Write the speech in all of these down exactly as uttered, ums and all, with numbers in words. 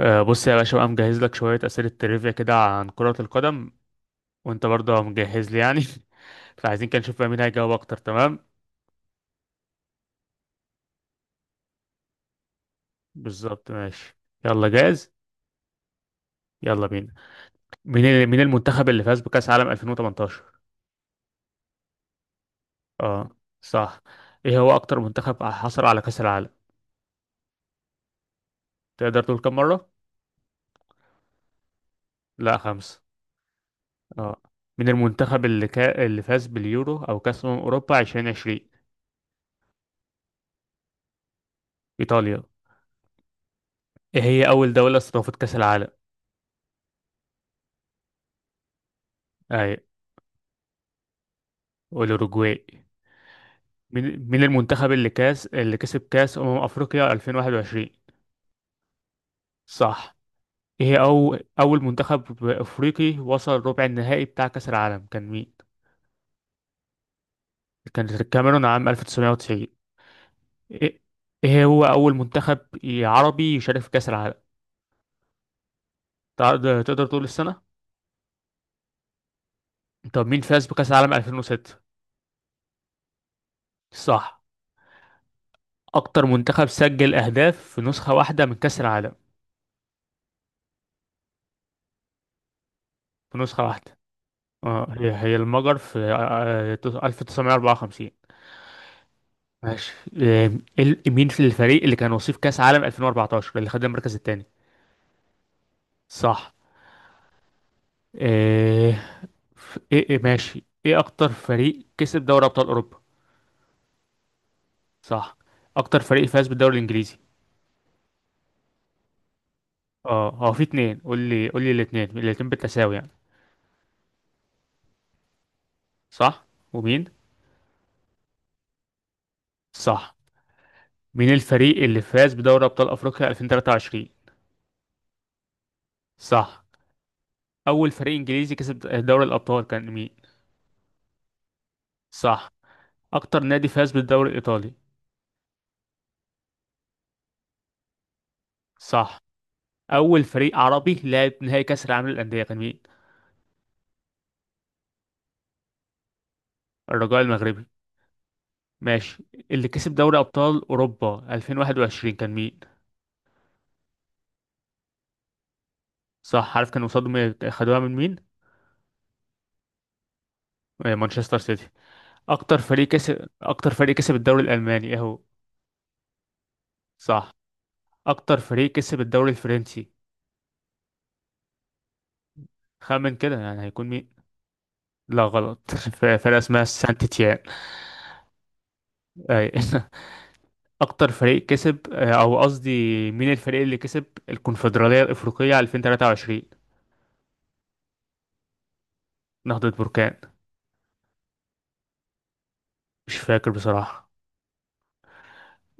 آه، بص يا باشا بقى مجهز لك شوية أسئلة ترivia كده عن كرة القدم، وأنت برضه مجهز لي يعني. فعايزين كده نشوف بقى مين هيجاوب أكتر. تمام، بالظبط. ماشي، يلا جاهز. يلا بينا. مين ال- مين المنتخب اللي فاز بكأس عالم ألفين وتمنتاشر؟ اه، صح. إيه هو أكتر منتخب حصل على كأس العالم؟ تقدر تقول كم مرة؟ لا، خمسة. اه. مين المنتخب اللي كا... اللي فاز باليورو أو كأس أمم أوروبا ألفين وعشرين؟ إيطاليا. إيه هي أول دولة استضافت كأس العالم؟ أي. الأوروجواي. مين مين المنتخب اللي كاس اللي كسب كاس أمم أفريقيا ألفين وواحد وعشرين؟ صح. ايه هي أو أول منتخب أفريقي وصل ربع النهائي بتاع كأس العالم كان مين؟ كانت الكاميرون عام ألف وتسعمية وتسعين. ايه. إيه هو أول منتخب عربي يشارك في كأس العالم؟ تقدر تقدر تقول السنة؟ طب مين فاز بكأس العالم ألفين وستة؟ صح. أكتر منتخب سجل أهداف في نسخة واحدة من كأس العالم، في نسخة واحدة. اه، هي هي المجر في آه، آه، ألف وتسعمية وأربعة وخمسين. ماشي. آم، ال- مين في الفريق اللي كان وصيف كأس عالم ألفين وأربعتاشر اللي خد المركز الثاني؟ صح. ايه. ف- ايه إيه، ماشي. ايه اكتر فريق كسب دوري ابطال اوروبا؟ صح. اكتر فريق فاز بالدوري الانجليزي؟ اه، هو في اتنين. قول لي قول لي الاتنين الاتنين بالتساوي يعني. صح، ومين؟ صح. مين الفريق اللي فاز بدوري ابطال افريقيا ألفين وتلاتة وعشرين؟ صح. اول فريق انجليزي كسب دوري الابطال كان مين؟ صح. اكتر نادي فاز بالدوري الايطالي؟ صح. اول فريق عربي لعب نهائي كاس العالم للانديه كان مين؟ الرجاء المغربي. ماشي. اللي كسب دوري ابطال اوروبا ألفين وواحد وعشرين كان مين؟ صح، عارف كانوا قصادهم إيه؟ خدوها من مين؟ آه، مانشستر سيتي. اكتر فريق كسب اكتر فريق كسب الدوري الالماني اهو. صح. اكتر فريق كسب الدوري الفرنسي؟ خمن كده يعني هيكون مين. لا، غلط. ف- فرقه اسمها سانت تيان. أي. اكتر فريق كسب آه، او قصدي، مين الفريق اللي كسب الكونفدراليه الافريقيه ألفين وتلاتة وعشرين؟ نهضه بركان. مش فاكر بصراحة.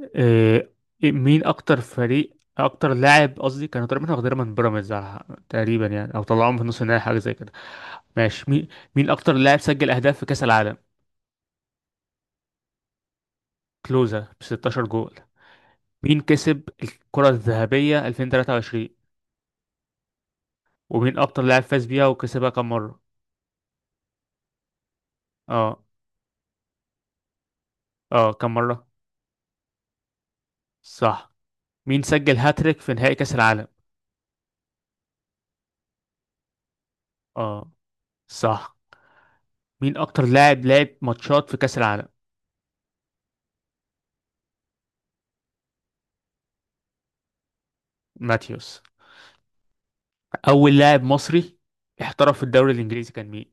إيه. إيه، مين أكتر فريق أكتر لاعب قصدي كانوا تقريبا واخدينها من بيراميدز على- تقريبا يعني، أو طلعوهم في نص النهائي حاجة زي كده. ماشي. مين مين أكتر لاعب سجل أهداف في كأس العالم؟ كلوزا ب ستاشر جول. مين كسب الكرة الذهبية ألفين وتلاتة وعشرين؟ ومين أكتر لاعب فاز بيها وكسبها كم مرة؟ اه. اه كم مرة؟ صح. مين سجل هاتريك في نهائي كأس العالم؟ اه، صح. مين أكتر لاعب لعب ماتشات في كأس العالم؟ ماتيوس. أول لاعب مصري احترف في الدوري الإنجليزي كان مين؟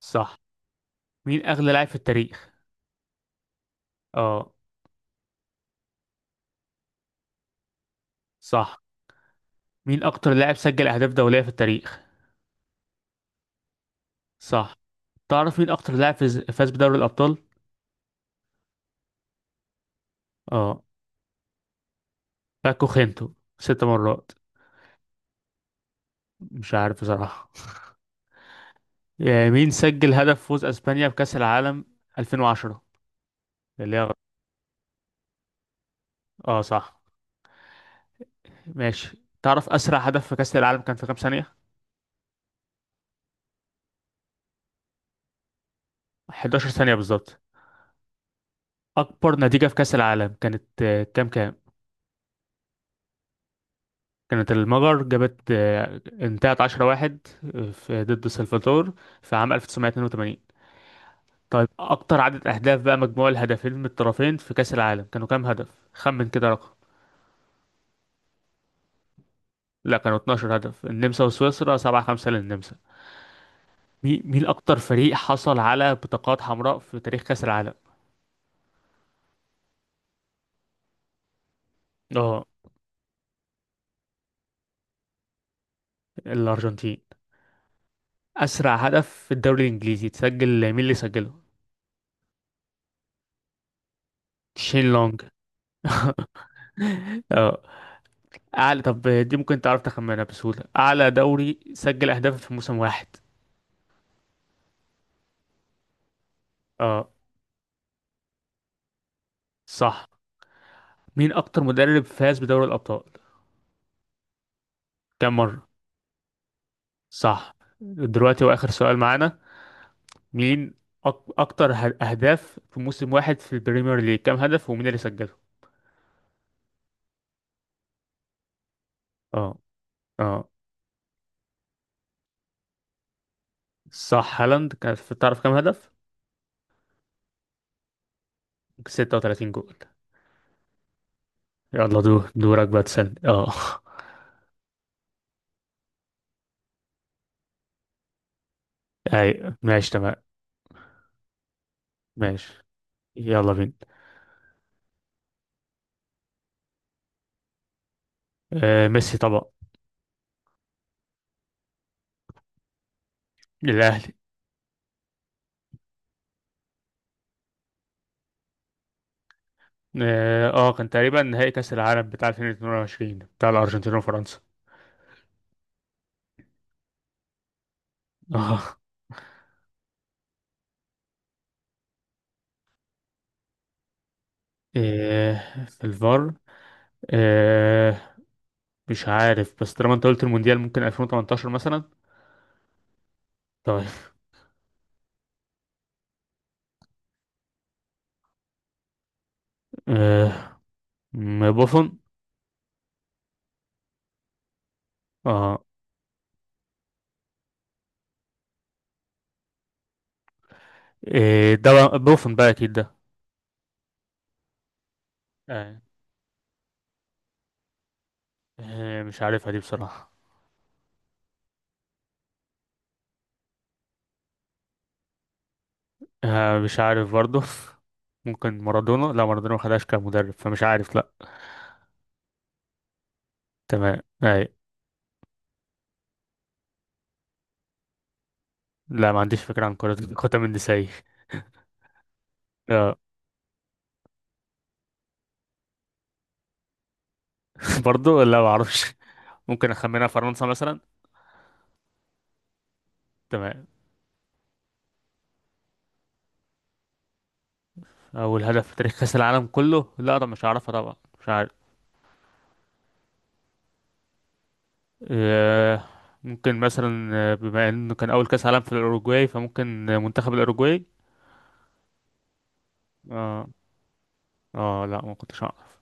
صح. مين أغلى لاعب في التاريخ؟ اه. صح. مين أكتر لاعب سجل أهداف دولية في التاريخ؟ صح. تعرف مين أكتر لاعب فاز فاز بدوري الأبطال؟ اه. باكو خينتو ست مرات. مش عارف بصراحة. آه، مين سجل هدف فوز أسبانيا بكأس العالم ألفين وعشرة؟ اللي هي غ- اه، صح. ماشي، تعرف أسرع هدف في كأس العالم كان في كام ثانية؟ حداشر ثانية بالظبط. أكبر نتيجة في كأس العالم كانت آه، كام كام؟ كانت المجر جابت، آه، انتهت عشرة واحد، آه، في ضد سلفادور في عام ألف وتسعمية واتنين وتمانين. طيب، اكتر عدد اهداف بقى، مجموع الهدفين من الطرفين في كأس العالم كانوا كام هدف؟ خمن كده رقم. لا، كانوا اتناشر هدف، النمسا وسويسرا سبعة خمسة للنمسا. مي- مين اكتر فريق حصل على بطاقات حمراء في تاريخ كأس العالم؟ اه. الارجنتين. اسرع هدف في الدوري الانجليزي تسجل، مين اللي سجله؟ شين لونج. اه، اعلى طب دي ممكن تعرف تخمنها بسهولة. اعلى دوري سجل اهداف في موسم واحد؟ اه. صح. مين اكتر مدرب فاز بدوري الابطال؟ كم مرة؟ صح. دلوقتي واخر سؤال معانا. مين أك... اكتر ه- اهداف في موسم واحد في البريمير ليج، كم هدف ومين اللي سجله؟ اه، اه. صح، هالاند كان في- تعرف كم هدف؟ ستة وتلاتين جول. يلا دور دورك بقى تسألني. اه. اي، ماشي تمام. ماشي، يلا بينا. آه ميسي طبعا. الاهلي. اه آه، كان تقريبا نهائي كأس العالم بتاع ألفين واتنين وعشرين بتاع الأرجنتين وفرنسا. اه. إيه في الفار؟ إيه، مش عارف بس طالما انت قلت المونديال ممكن ألفين وتمنتاشر مثلا. طيب. إيه م- بوفون. اه. إيه ده بقى، بوفون بقى اكيد ده. آه. إيه مش عارفها دي بصراحة. آه مش عارف برضه. ممكن مارادونا. لا، مارادونا ما خدهاش كمدرب فمش عارف، لا. تمام اي. لا، ما عنديش فكرة عن كرة قدم النسائي. اه. برضه لا، ما اعرفش. ممكن اخمنها فرنسا مثلا. تمام. اول هدف في تاريخ كاس العالم كله؟ لا، ده مش عارفها طبعا، مش عارف. أه. ممكن مثلا، آه، بما انه كان اول كاس عالم في الاوروجواي فممكن آه، منتخب الاوروجواي. اه. اه لا، ما كنتش اعرف.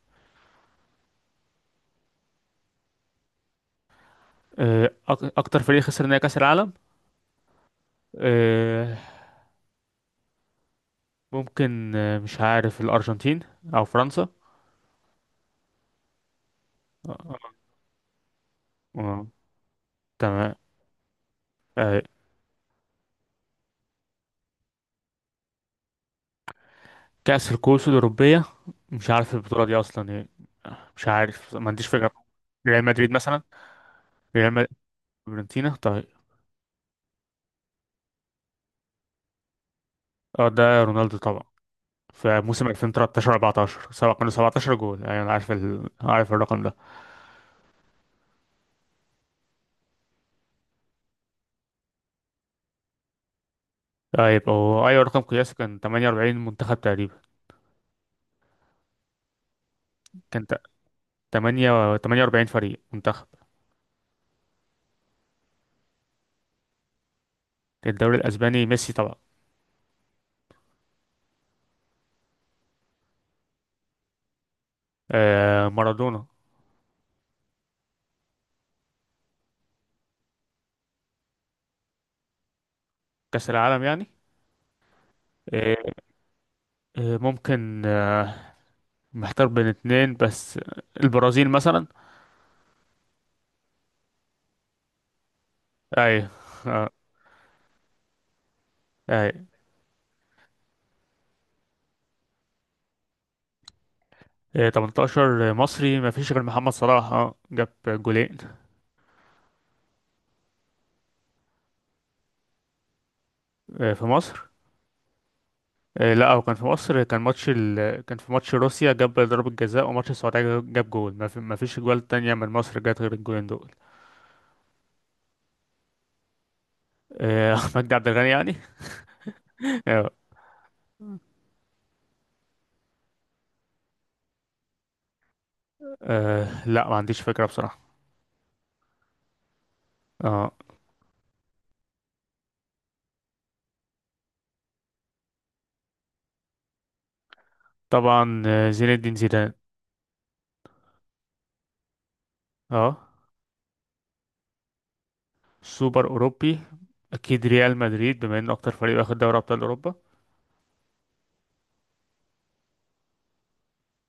آه، أك- اكتر فريق خسر نهائي كاس العالم. أه. ممكن، آه، مش عارف، الارجنتين او فرنسا. اه. آه، تمام. آه، كاس الكؤوس الاوروبيه، مش عارف البطوله دي اصلا ايه. مش عارف، ما عنديش فكره. ريال مدريد مثلا. ريال. فيورنتينا طيب. اه، ده رونالدو طبعا. في موسم ألفين وتلتاشر أربعتاشر سبق، كانوا سبعة عشر جول. ايوه انا عارف، ال... عارف الرقم ده. طيب، هو ايوه رقم قياسي كان تمنية وأربعين منتخب تقريبا. كان ت- تمانية تمنية وأربعين فريق منتخب. الدوري الاسباني ميسي طبعا. آه مارادونا. كاس العالم يعني. آه آه، ممكن آه، محتار بين اتنين بس. البرازيل مثلا. ايوه. آه. أي. ثمانية عشر مصري ما فيش غير محمد صلاح، اه جاب جولين. آه، في مصر. آه، لا، هو كان في مصر، كان ماتش ال... كان في ماتش روسيا جاب ضربة جزاء وماتش السعودية جاب جول، ما, في... ما فيش جوال تانية من مصر جت غير الجولين دول. آه، أحمد عبد الغني يعني. آه، آه، لا، ما عنديش فكرة بصراحة. اه. طبعا، آه، زين الدين زيدان. اه. سوبر أوروبي، أكيد ريال مدريد بما إنه أكتر فريق واخد دوري أبطال أوروبا.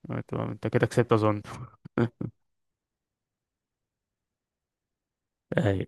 آه، تمام، أنت كده كسبت أظن. أيوة.